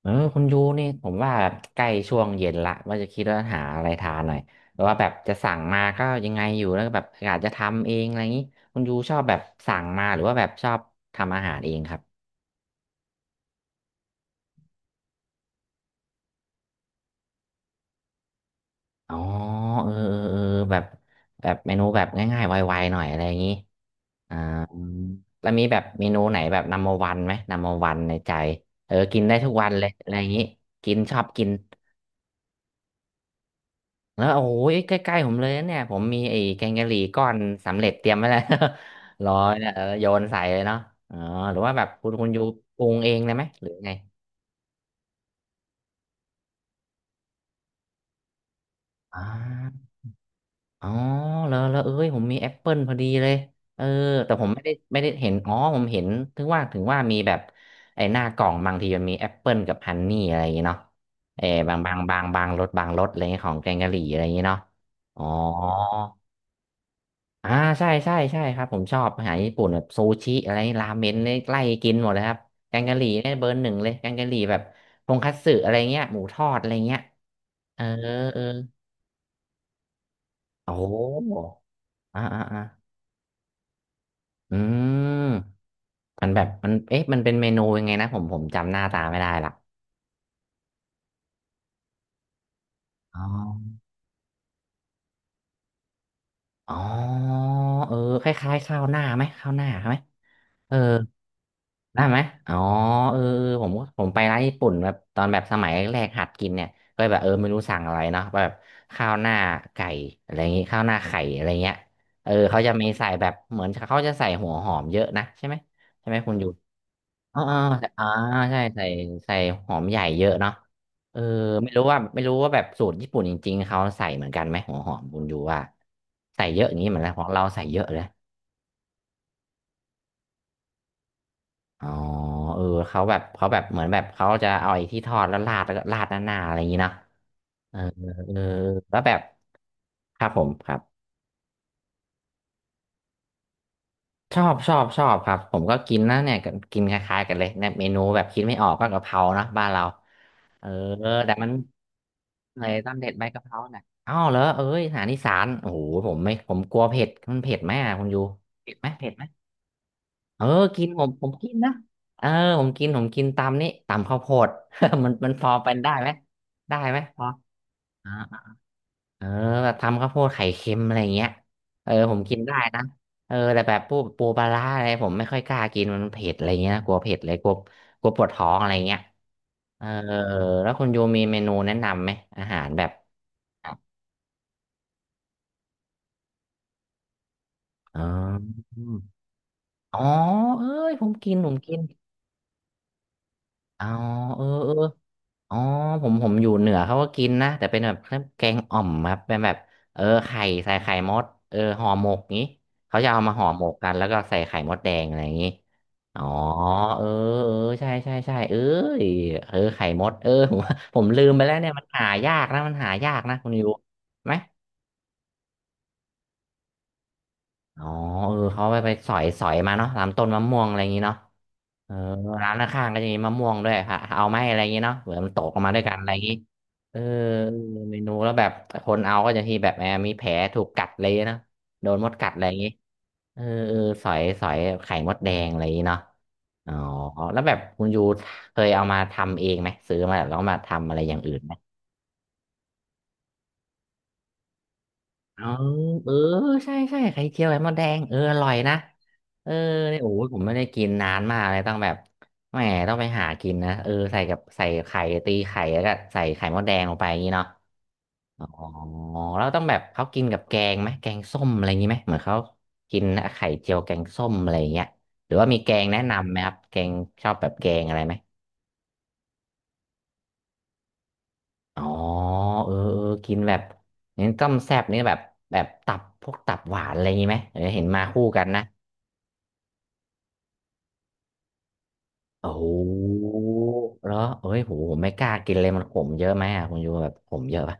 เออคุณยูนี่ผมว่าใกล้ช่วงเย็นละว่าจะคิดว่าหาอะไรทานหน่อยแต่ว่าแบบจะสั่งมาก็ยังไงอยู่แล้วก็แบบอากจะทำเองอะไรอย่างนี้คุณยูชอบแบบสั่งมาหรือว่าแบบชอบทำอาหารเองครับอ๋อเออเออเออแบบเมนูแบบง่ายๆไวๆหน่อยอะไรอย่างนี้อ่าแล้วมีแบบเมนูไหนแบบนัมเบอร์วันไหมนัมเบอร์วันในใจเออกินได้ทุกวันเลยอะไรอย่างนี้กินชอบกิน แล้วโอ้ยใกล้ๆผมเลยนะเนี่ยผมมีไอ้แกงกะหรี่ก้อนสำเร็จเตรียมไว้แล้ว รอเนี่ยเออโยนใส่เลยเนาะอ๋อหรือว่าแบบคุณยูปรุงเองเลยไหมหรือไงอ๋ออ๋อแล้วเอ้ยผมมีแอปเปิลพอดีเลยเออแต่ผมไม่ได้เห็นอ๋อผมเห็นถึงว่าถึงว่ามีแบบไอ้หน้ากล่องบางทีมันมีแอปเปิลกับฮันนี่อะไรอย่างเงี้เนาะเออบางรสอะไรเงี้ยของแกงกะหรี่อะไรอย่างเงี้เนาะอ๋อ อ่าใช่ใช่ใช่ครับผมชอบอาหารญี่ปุ่นแบบซูชิอะไรราเมนเนี่ยไล่กินหมดเลยครับแกงกะหรี่เนี่ยเบอร์หนึ่งเลยแกงกะหรี่แบบทงคัตสึอะไรเงี้ยหมูทอดอะไรเงี้ยเออเออโอ้โหอ่าอ่าอ่าอืมมันแบบมันเอ๊ะมันเป็นเมนูยังไงนะผมจำหน้าตาไม่ได้ละอ๋ออ๋อเออคล้ายๆข้าวหน้าไหมข้าวหน้าไหมเออ ได้ไหมอ๋อเออเออผมก็ผมไปร้านญี่ปุ่นแบบตอนแบบสมัยแรกหัดกินเนี่ยก็แบบเออไม่รู้สั่งอะไรเนาะแบบข้าวหน้าไก่อะไรอย่างงี้ข้าวหน้าไข่อะไรเงี้ยเออเขาจะมีใส่แบบเหมือนเขาจะใส่หัวหอมเยอะนะใช่ไหมใช่ไหมคุณอยู่อ๋ออ๋อใส่อ่าใช่ใส่ใส่หอมใหญ่เยอะเนาะเออไม่รู้ว่าแบบสูตรญี่ปุ่นจริงๆเขาใส่เหมือนกันไหมหัวหอมคุณอยู่ว่าใส่เยอะอย่างนี้เหมือนกันของเราใส่เยอะเลย อ๋อเออ เหมือนแบบเขาจะเอาไอ้ที่ทอดแล้วราดแล้วก็ราดหน้าๆอะไรอย่างนี้เนาะเออเออแล้วแบบ ครับผมครับ ชอบชอบชอบครับผมก็กินนะเนี่ยก็กินคล้ายๆกันเลยเนี่ยเมนูแบบคิดไม่ออกก็กะเพราเนาะบ้านเราเออแต่มันเลยต้มเด็ดใบกะเพราน่ะอ้าวเหรอเอ้ยอาหารอีสานโอ้โหผมไม่ผมกลัวเผ็ดมันเผ็ดไหมอะคุณยูเผ็ดไหมเผ็ดไหม เออกินผมผมกินนะเออผมกินผมกินตำนี่ตำข้าวโพด มันมันพอเป็นได้ไหมได้ไหมพออ่าเออแบบทำข้าวโพดไข่เค็มอะไรอย่างเงี้ยเออผมกินได้นะเออแต่แบบพวกปูปลาร้าอะไรผมไม่ค่อยกล้ากินมันเผ็ดอะไรเงี้ยนะกลัวเผ็ดเลยกลัวกลัวปวดท้องอะไรเงี้ยเออแล้วคุณโยมีเมนูแนะนำไหมอาหารแบบอ๋ออ๋อเอ้ยผมกินผมกินอ๋อเออเออ อ๋อผมอยู่เหนือเขาก็กินนะแต่เป็นแบบแกงอ่อมครับเป็นแบบเออไข่ใส่ไข่มดเออห่อหมกงี้เขาจะเอามาห่อหมกกันแล้วก็ใส่ไข่มดแดงอะไรอย่างงี้อ๋อเออเออใช่ใช่ใช่เออเออไข่มดเออ ผมลืมไปแล้วเนี่ยมันหายากนะมันหายากนะคุณยูไหมอ๋อเออเขาไปสอยมาเนาะตามต้นมะม่วงอะไรอย่างงี้เนาะ เออร้านข้างๆก็จะมีมะม่วงด้วยค่ะเอาไหมอะไรอย่างงี้เนาะเหมือนมันตกลงมาด้วยกันอะไรอย่างงี้เออเมนูแล้วแบบคนเอาก็จะที่แบบแอมมีแผลถูกกัดเลยนะโดนมดกัดอะไรอย่างงี้เออเออสอยสอยไข่มดแดงอะไรอย่างงี้เนาะอ๋อแล้วแบบคุณยูเคยเอามาทำเองไหมซื้อมาแล้วก็มาทำอะไรอย่างอื่น อ๋อเออใช่ใช่ไข่เจียวไข่มดแดงเอออร่อยนะเออเนี่ยโอ้ยผมไม่ได้กินนานมากเลยต้องแบบแหมต้องไปหากินนะเออใส่กับใส่ไข่ตีไข่แล้วก็ใส่ไข่มดแดงลงไปอย่างนี้เนาะอ๋อแล้วต้องแบบเขากินกับแกงไหมแกงส้มอะไรอย่างนี้ไหมเหมือนเขากินไข่เจียวแกงส้มอะไรอย่างเงี้ยหรือว่ามีแกงแนะนำไหมครับแกงชอบแบบแกงอะไรไหมอ๋อเออเออกินแบบเน้นต้มแซ่บนี่แบบแบบตับพวกตับหวานอะไรอย่างนี้ไหมเออเห็นมาคู่กันนะ โอ้โหแล้วเอ้ยผมไม่กล้ากินเลยมันขมเยอะไหมอ่ะคุณยูแบบขมเยอะปะ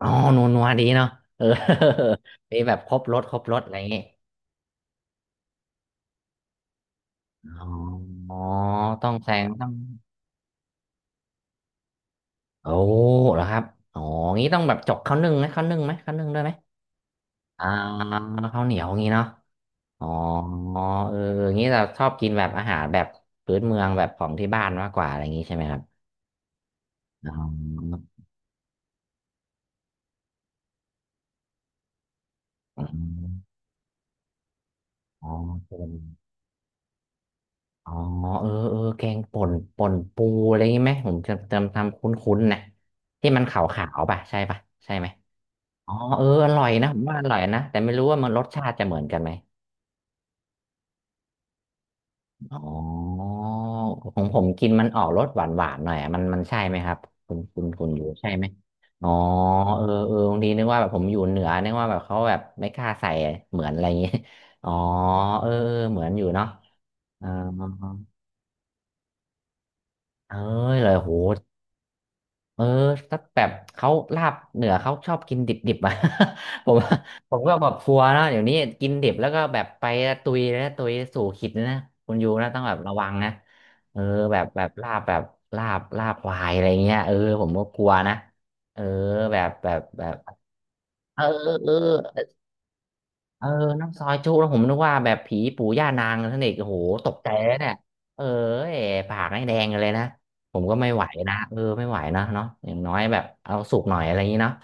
อ๋อนัวดีเนาะเออ มีแบบครบรสอะไรอย่างงี้อ๋ออ๋อต้องแซงต้องโอ้เหรอครับอ๋องี้ต้องแบบจกข้าวนึ่งด้วยไหมอ่าข้าวเหนียวงี้เนาะอ๋อเอองี้เราชอบกินแบบอาหารแบบพื้นเมืองแบบของที่บ้านมากกว่าอะไรอย่างงี้ใช่ไหมครับอ๋ออ๋ออ๋อ อ๋อเออเออแกงป่นปูอะไรงี้ไหมผมจะจำทำคุ้นๆนะที่มันขาวๆป่ะใช่ป่ะใช่ไหมอ๋อเอออร่อยนะผมว่าอร่อยนะแต่ไม่รู้ว่ามันรสชาติจะเหมือนกันไหมอ๋อของผมกินมันออกรสหวานๆหน่อยอะมันใช่ไหมครับคุณอยู่ใช่ไหมอ๋อเออเออบางทีนึกว่าแบบผมอยู่เหนือนึกว่าแบบเขาแบบไม่กล้าใส่เหมือนอะไรอย่างงี้ อ๋อเออเออเหมือนอยู่เนาะอ๋อเอ้ยเลยโห เออสักแบบเขาลาบเหนือเขาชอบกินดิบๆอ่ะ ผมผมก็แบบกลัวนะเดี๋ยวนี้กินดิบแล้วก็แบบไปตุยนะตุยสู่ขิดนะคุณยูนะต้องแบบระวังนะเออแบบลาบแบบลาบควายอะไรเงี้ยเออผมก็กลัวนะเออแบบเออเออ เออ น้ำซอยจุแล้วผมนึกว่าแบบผีปู่ย่านางท่านเอกโอ้โหตกใจแล้วเนี่ยเออเอ๋ปากให้แดงกันเลยนะ ผมก็ไม่ไหวนะเออไม่ไหวนะเนาะอย่างน้อยแบบเอาสุกหน่อยอะไรอย่างนี้เนาะ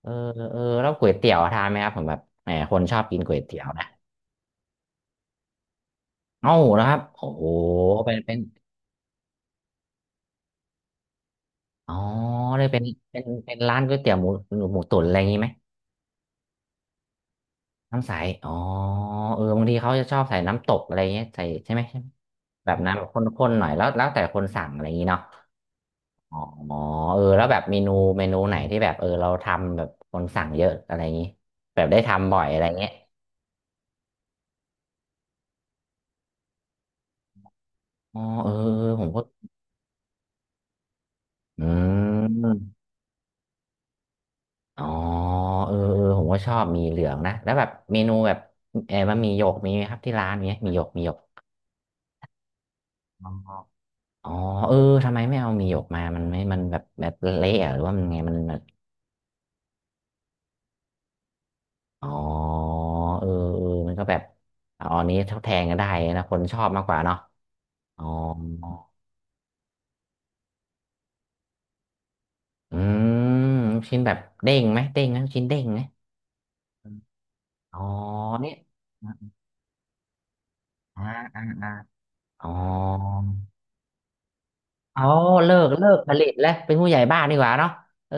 เออเออแล้วก๋วยเตี๋ยวทานไหมครับผมแบบแหมคนชอบกินก๋วยเตี๋ยวนะเอ้านะครับโอ้โหเป็นอ๋อได้เป็น เป็นร้านก๋วยเตี๋ยวหมูหมูตุ๋นอะไรอย่างนี้ไหมน้ำใสอ๋อเออบางทีเขาจะชอบใส่น้ำตกอะไรอย่างเงี้ยใส่ใช่ไหมแบบน้ำแบบข้นๆหน่อยแล้วแล้วแต่คนสั่งอะไรอย่างนี้เนาะ อ๋อเออแล้วแบบเมนูไหนที่แบบเออเราทำแบบคนสั่งเยอะอะไรอย่างงี้แบบได้ทำบ่อยอะไรเงี้ยอ๋อเออเออผมก็อืมอ๋อเออเออผมก็ชอบหมีเหลืองนะแล้วแบบเมนูแบบเออมันหมีหยกมีไหมครับที่ร้านเนี้ยหมีหยกอ๋ออ๋อเออทำไมไม่เอาหมีหยกมามันไม่มันแบบเละอะหรือว่ามันไงมันแบบอ๋อเออเออมันก็แบบเอาอันนี้ทดแทนก็ได้นะคนชอบมากกว่าเนาะอ๋อ อืมลูกชิ้นแบบเด้งไหมเด้งนะลูกชิ้นเด้งไหมอ๋อเนี่ยอ่าอ่าอ่าอ๋ออ๋อาเลิกผลิตแล้วเป็นผู้ใหญ่บ้านดีกว่าเนาะเออ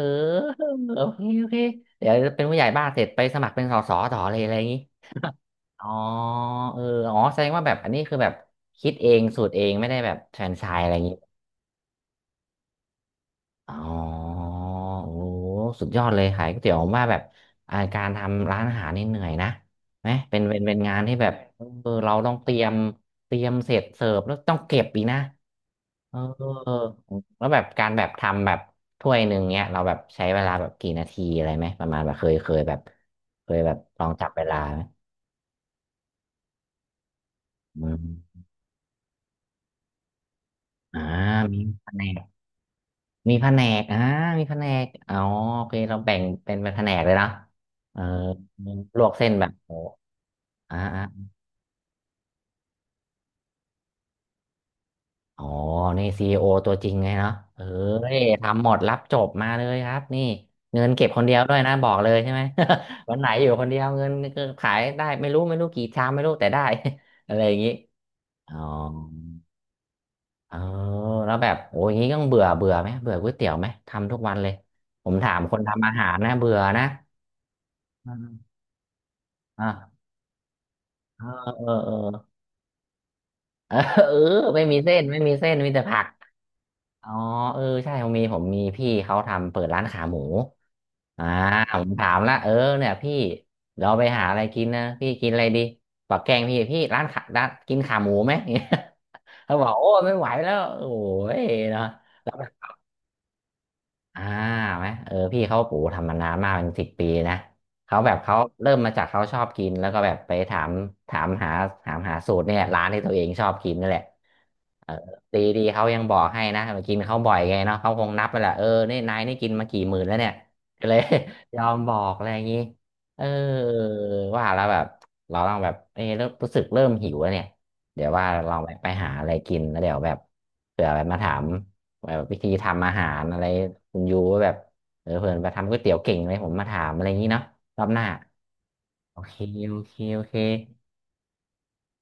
โอเคเดี๋ยวเป็นผู้ใหญ่บ้านเสร็จไปสมัครเป็นสสต่อเลยอะไรอย่างงี้อ๋อเอออ๋อแสดงว่าแบบอันนี้คือแบบคิดเองสูตรเองไม่ได้แบบแฟรนไชส์อะไรอย่างงี้ อ๋อโอ้โหสุดยอดเลยขายก๋วยเตี๋ยวผมว่าแบบอ่าการทำร้านอาหารนี่เหนื่อยนะไหมเป็นงานที่แบบเออเราต้องเตรียมเตรียมเสร็จเสิร์ฟแล้วต้องเก็บอีกนะเออแล้วแบบการแบบทำแบบถ้วยหนึ่งเนี้ยเราแบบใช้เวลาแบบกี่นาทีอะไรไหม ประมาณแบบเคยแบบเคยแบบลองจับเวลาไหมอืมอ่ามีคะแนน มีแผนกอ่ามีแผนกอ๋อโอเคเราแบ่งเป็นเป็นแผนกเลยนะเออลวกเส้นแบบโอ้อ่าอ่าอ๋อนี่ซีอีโอตัวจริงไงเนาะเออทำหมดรับจบมาเลยครับนี่เงินเก็บคนเดียวด้วยนะบอกเลยใช่ไหม วันไหนอยู่คนเดียวเงินก็ขายได้ไม่รู้กี่ชามไม่รู้แต่ได้ อะไรอย่างนี้อ๋อเออแล้วแบบโอ้ยอย่างนี้ต้องเบื่อเบื่อไหมเบื่อก๋วยเตี๋ยวไหม ทำทุกวันเลย ผมถามคนทำอาหารนะเบื่อนะอ่า เออเออ เออเออเออไม่มีเส้นมีแต่ผักอ๋อเออใช่ผมมีผมมีพี่เขาทำเปิดร้านขาหมูอ่าผมถามละเออเนี่ยพี่เราไปหาอะไรกินนะพี่กินอะไรดีบอกแกงพี่พี่ร้านขาร้านกินขาหมูไหม เขาบอกโอ้ไม่ไหวแล้วโอ้ยเนาะ อ่าไหมเออพี่เขาปู่ทำมานานมากเป็น10 ปีนะเขาแบบเขาเริ่มมาจากเขาชอบกินแล้วก็แบบไปถามถามหาถามหาสูตรเนี่ยร้านที่ตัวเองชอบกินนั่นแหละเออดีดีเขายังบอกให้นะมากินเขาบ่อยไงเนาะเขาคงนับไปแหละเออนี่นายนี่กินมากี่หมื่นแล้วเนี่ยก็เลย ยอมบอกอะไรอย่างนี้เออว่าแล้วแบบเราลองแบบเออเริ่มรู้สึกเริ่มหิวแล้วเนี่ยเดี๋ยวว่าลองไปหาอะไรกินแล้วเดี๋ยวแบบเผื่อแบบมาถาม แบบวิธีทำอาหารอะไรคุณยูว่าแบบเออเผื่อไปทำก๋วยเตี๋ยวเก่งเลยผมมาถามอะไรอย่างนี้เนาะรอบหน้าโอเคโอเคโอเค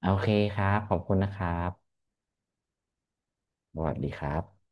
โอเคครับขอบคุณนะครับสวัสดีครับ